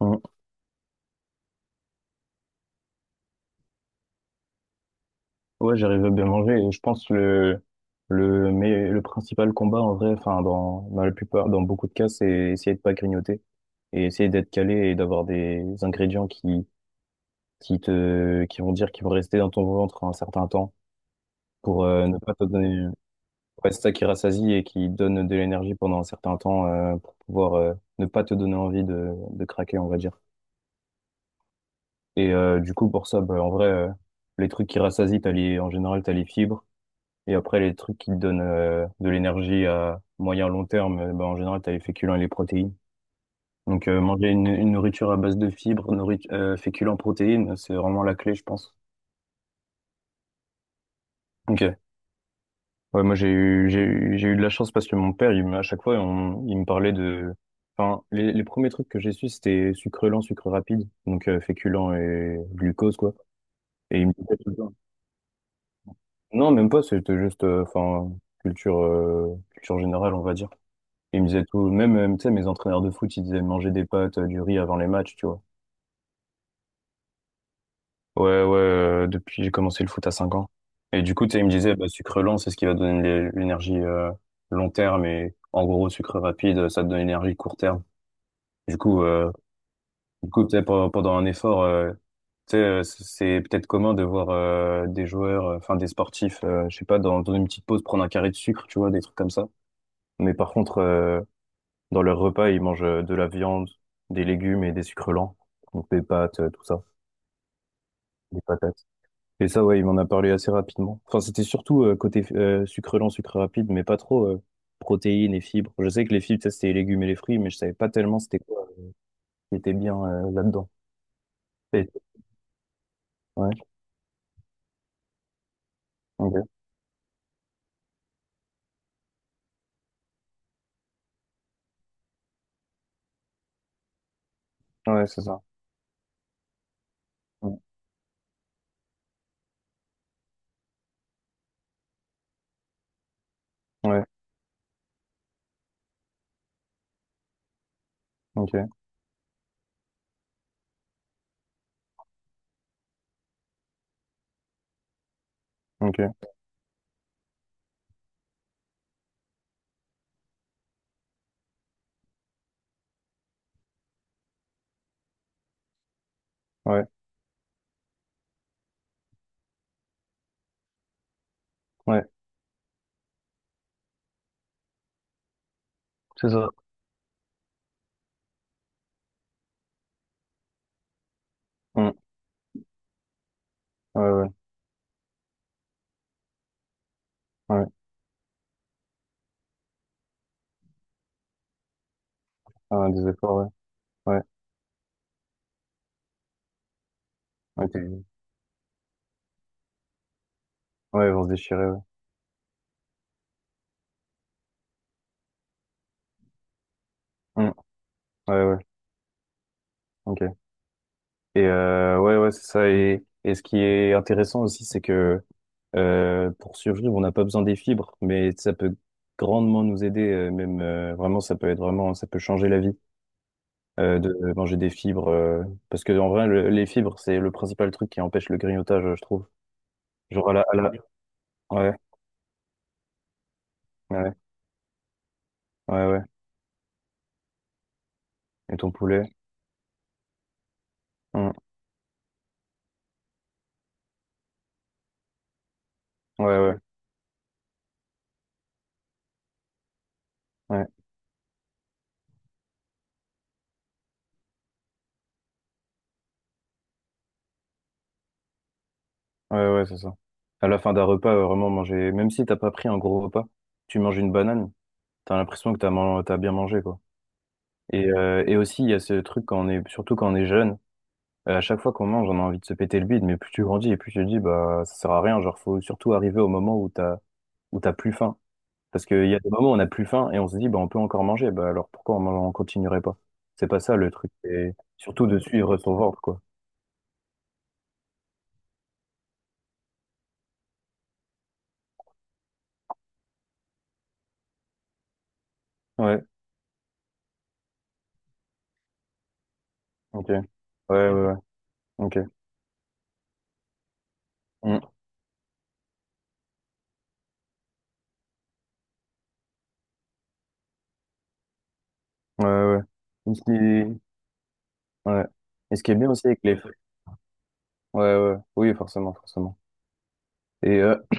Mm. Ouais, j'arrive à bien manger et je pense le principal combat en vrai, enfin dans la plupart, dans beaucoup de cas, c'est essayer de pas grignoter et essayer d'être calé et d'avoir des ingrédients qui vont dire qu'ils vont rester dans ton ventre un certain temps pour ne pas te donner. Ouais, c'est ça qui rassasie et qui donne de l'énergie pendant un certain temps pour pouvoir ne pas te donner envie de craquer, on va dire. Et du coup pour ça, bah, en vrai, les trucs qui rassasient, t'as les en général t'as les fibres. Et après, les trucs qui te donnent de l'énergie à moyen long terme, bah, en général, t'as les féculents et les protéines. Donc, manger une nourriture à base de fibres, nourrit féculents, protéines, c'est vraiment la clé, je pense. Ok. Ouais, moi, j'ai eu de la chance parce que mon père, à chaque fois, il me parlait de... Enfin, les premiers trucs que j'ai su, c'était sucre lent, sucre rapide, donc féculents et glucose, quoi. Et il me disait tout le temps. Non, même pas, c'était juste, enfin, culture, culture générale, on va dire. Ils me disaient tout, même, tu sais, mes entraîneurs de foot, ils disaient manger des pâtes, du riz avant les matchs, tu vois. Ouais, ouais, depuis j'ai commencé le foot à 5 ans. Et du coup, tu sais, ils me disaient, bah, sucre lent, c'est ce qui va te donner l'énergie long terme. Et en gros, sucre rapide, ça te donne l'énergie court terme. Du coup, tu sais, pendant un effort, tu sais, c'est peut-être commun de voir des joueurs, enfin des sportifs, je sais pas, dans une petite pause prendre un carré de sucre, tu vois, des trucs comme ça. Mais par contre, dans leur repas, ils mangent de la viande, des légumes et des sucres lents. Donc des pâtes, tout ça, des patates. Et ça, ouais, il m'en a parlé assez rapidement. Enfin, c'était surtout côté sucre lent, sucre rapide, mais pas trop protéines et fibres. Je sais que les fibres, ça, c'était les légumes et les fruits, mais je savais pas tellement c'était quoi qui était bien là-dedans. Et. Ouais, ok. Ouais, c'est ça. Mm. Ouais, ok, ok. Ouais, ouais, c'est ça. Mm. Ouais, ouais, ouais. Ah, des efforts, ouais. Ouais, ok. Ouais, ils vont se déchirer, ouais. Mm. Ouais, ouais, ok. Et ouais, ouais, c'est ça. Et ce qui est intéressant aussi, c'est que pour survivre, on n'a pas besoin des fibres, mais ça peut grandement nous aider. Même, vraiment, ça peut être vraiment, ça peut changer la vie, de manger des fibres, parce que en vrai, les fibres, c'est le principal truc qui empêche le grignotage, je trouve. Genre à la... Ouais, ouais, ouais, ouais. Et ton poulet, hum, ouais, ouais, ouais, ouais, ouais, c'est ça. À la fin d'un repas, vraiment manger, même si t'as pas pris un gros repas, tu manges une banane, t'as l'impression que t'as bien mangé, quoi. Et aussi, il y a ce truc quand on est, surtout quand on est jeune, à chaque fois qu'on mange, on a envie de se péter le bide, mais plus tu grandis et plus tu te dis, bah, ça sert à rien. Genre, faut surtout arriver au moment où où t'as plus faim. Parce qu'il y a des moments où on a plus faim et on se dit, bah, on peut encore manger. Bah, alors pourquoi on continuerait pas? C'est pas ça le truc. Et surtout de suivre son ventre, quoi. Ouais, ok. Ouais, ouais, ouais. Ok. Mm. Ouais, ouais. Ouais. Et ce qui. Ouais. Et ce qui est bien aussi avec les fruits. Ouais, ouais. Oui, forcément, forcément. Et ce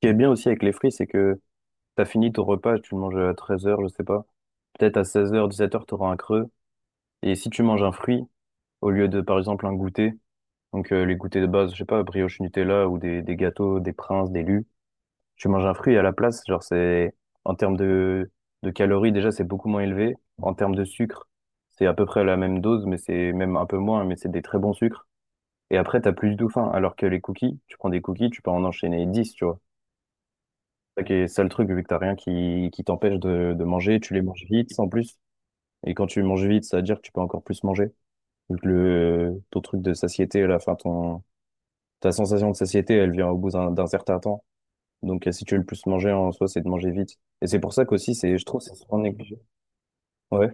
qui est bien aussi avec les fruits, c'est que t'as fini ton repas, tu le manges à 13h, je sais pas. Peut-être à 16h, 17h, t'auras un creux. Et si tu manges un fruit, au lieu de, par exemple, un goûter, donc les goûters de base, je sais pas, brioche Nutella ou des gâteaux, des princes, des lus, tu manges un fruit à la place, genre c'est, en termes de calories, déjà, c'est beaucoup moins élevé. En termes de sucre, c'est à peu près la même dose, mais c'est même un peu moins, mais c'est des très bons sucres. Et après, t'as plus du tout faim. Alors que les cookies, tu prends des cookies, tu peux en enchaîner 10, tu vois. Ok, c'est le truc, vu que t'as rien qui t'empêche de manger, tu les manges vite en plus. Et quand tu manges vite, ça veut dire que tu peux encore plus manger. Vu que le, ton truc de satiété, la fin, ton, ta sensation de satiété, elle vient au bout d'un certain temps. Donc si tu veux le plus manger en soi, c'est de manger vite. Et c'est pour ça qu'aussi, c'est, je trouve, c'est souvent négligé. Ouais,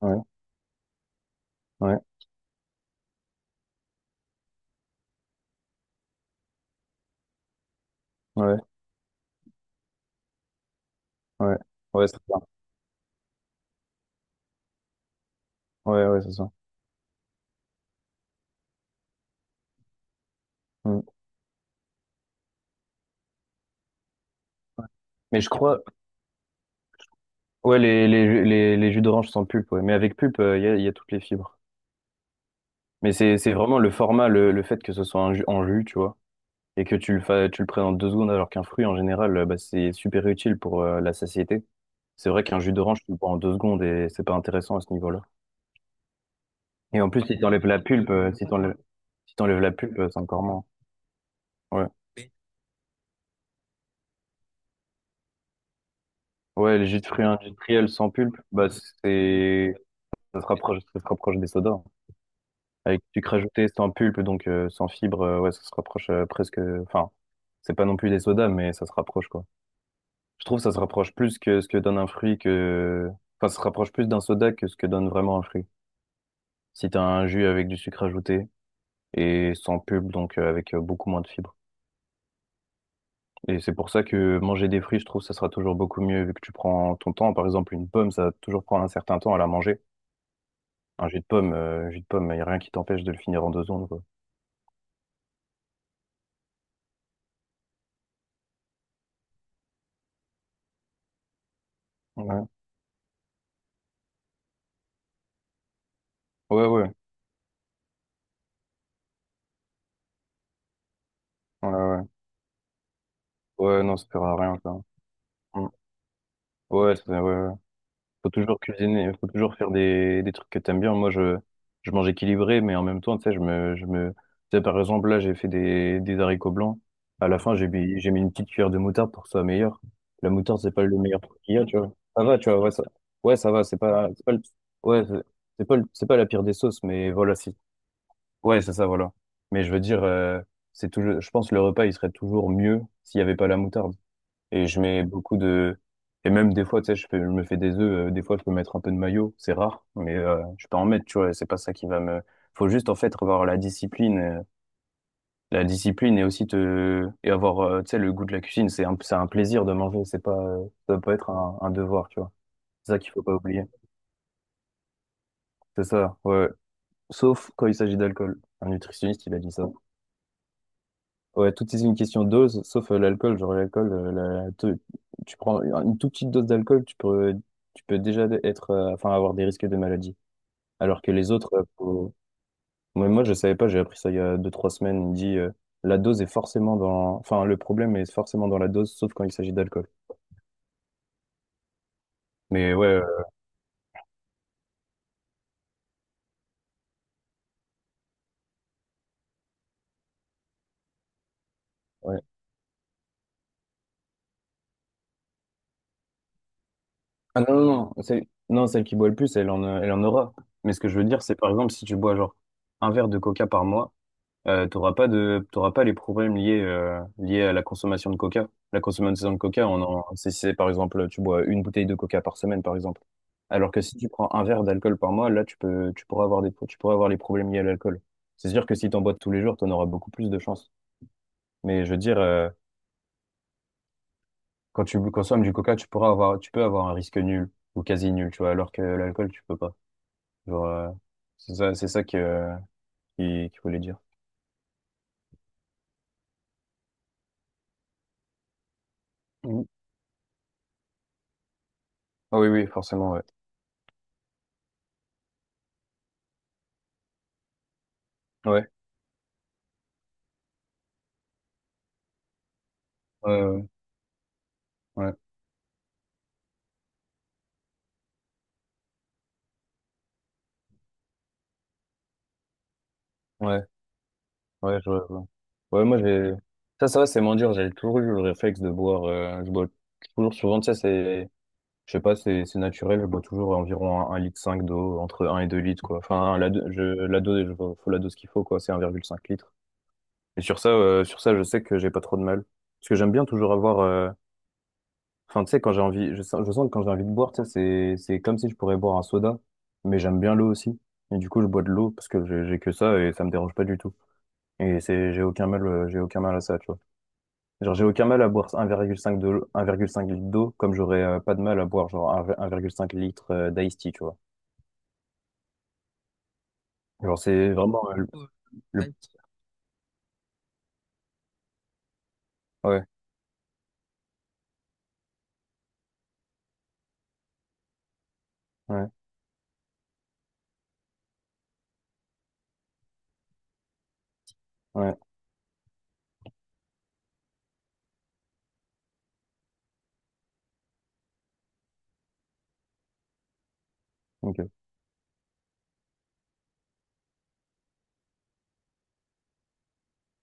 ouais, ouais, ouais, ouais, ouais, c'est ça. Ouais, ouais, c'est ça. Mm. Mais je crois, ouais, les jus d'orange sans pulpe, ouais. Mais avec pulpe, il y a, y a toutes les fibres. Mais c'est vraiment le format, le fait que ce soit un jus, en jus, tu vois, et que tu le, tu le présentes 2 secondes alors qu'un fruit, en général, bah, c'est super utile pour la satiété. C'est vrai qu'un jus d'orange, tu le bois en 2 secondes et c'est pas intéressant à ce niveau-là. Et en plus, si t'enlèves la pulpe, si t'enlèves la pulpe, c'est encore moins. Ouais. Ouais, le jus de fruits industriel sans pulpe, bah, c'est, ça se rapproche des sodas. Avec du sucre ajouté sans pulpe, donc sans fibre, ouais, ça se rapproche presque, enfin, c'est pas non plus des sodas, mais ça se rapproche, quoi. Je trouve que ça se rapproche plus que ce que donne un fruit que... Enfin, ça se rapproche plus d'un soda que ce que donne vraiment un fruit. Si t'as un jus avec du sucre ajouté et sans pulpe, donc avec beaucoup moins de fibres. Et c'est pour ça que manger des fruits, je trouve, ça sera toujours beaucoup mieux vu que tu prends ton temps. Par exemple, une pomme, ça va toujours prendre un certain temps à la manger. Un jus de pomme, y a rien qui t'empêche de le finir en 2 secondes, quoi. Ouais, ouais, ouais, ouais, ouais. Ouais, non, ça sert à rien, ça. Mm. Ouais, ouais, ouais. Faut toujours cuisiner, faut toujours faire des trucs que t'aimes bien. Moi, je mange équilibré, mais en même temps, tu sais, par exemple, là, j'ai fait des haricots blancs. À la fin, j'ai mis une petite cuillère de moutarde pour que ce soit meilleur. La moutarde, c'est pas le meilleur truc qu'il y a, tu vois. Ça va, tu vois, ouais, ouais, ça va, c'est pas le, ouais, c'est pas la pire des sauces, mais voilà, si. Ouais, c'est ça, voilà. Mais je veux dire, c'est toujours, je pense que le repas, il serait toujours mieux s'il y avait pas la moutarde. Et je mets beaucoup de... Et même des fois, tu sais, je me fais des œufs. Des fois, je peux mettre un peu de maillot. C'est rare, mais je peux en mettre, tu vois. C'est pas ça qui va me... Faut juste, en fait, avoir la discipline. La discipline et aussi te... Et avoir, tu sais, le goût de la cuisine. C'est un plaisir de manger. C'est pas... ça doit pas être un devoir, tu vois. C'est ça qu'il faut pas oublier. C'est ça, ouais. Sauf quand il s'agit d'alcool. Un nutritionniste, il a dit ça. Ouais, tout est une question de dose, sauf l'alcool. Genre l'alcool, tu prends une toute petite dose d'alcool, tu peux déjà être, enfin, avoir des risques de maladie. Alors que les autres, moi, je savais pas, j'ai appris ça il y a deux, trois semaines. Il me dit, la dose est forcément dans, enfin, le problème est forcément dans la dose, sauf quand il s'agit d'alcool. Mais ouais, ouais. Ah non, non, non, celle qui boit le plus, elle en aura. Mais ce que je veux dire, c'est par exemple, si tu bois genre un verre de coca par mois, t'auras pas les problèmes liés, liés à la consommation de coca. La consommation de coca, on en, c'est, par exemple, tu bois une bouteille de coca par semaine, par exemple. Alors que si tu prends un verre d'alcool par mois, là, tu pourras avoir des, tu pourras avoir les problèmes liés à l'alcool. C'est sûr que si t'en bois tous les jours, t'en auras beaucoup plus de chances. Mais je veux dire, quand tu consommes du coca, tu peux avoir un risque nul ou quasi nul, tu vois, alors que l'alcool, tu peux pas. Genre, c'est ça que, qu'il qu'il voulait dire. Mm. Ah oui, oui, forcément, ouais. Ouais. Euh, ouais. Ouais. Ouais. Ouais, je vois. Je vois. Ouais, moi, j'ai. Ça va, c'est moins dur. J'ai toujours eu le réflexe de boire. Je bois toujours souvent, tu sais, c'est. Je sais pas, c'est naturel. Je bois toujours environ 1,5 litre d'eau, entre un et 2 litres, quoi. Enfin, la dose, faut la dose qu'il faut, quoi. C'est 1,5 litre. Et sur ça, je sais que j'ai pas trop de mal. Parce que j'aime bien toujours avoir. Enfin, tu sais, quand j'ai envie. Je sens que quand j'ai envie de boire, tu sais, c'est comme si je pourrais boire un soda. Mais j'aime bien l'eau aussi. Et du coup, je bois de l'eau parce que j'ai que ça et ça me dérange pas du tout. Et c'est, j'ai aucun mal à ça, tu vois. Genre, j'ai aucun mal à boire un virgule cinq de, 1,5 litre d'eau, comme j'aurais pas de mal à boire genre un 1,5 litre d'ice tea, tu vois. Genre, c'est vraiment le- ouais, ouais, ouais, ouais. Ok.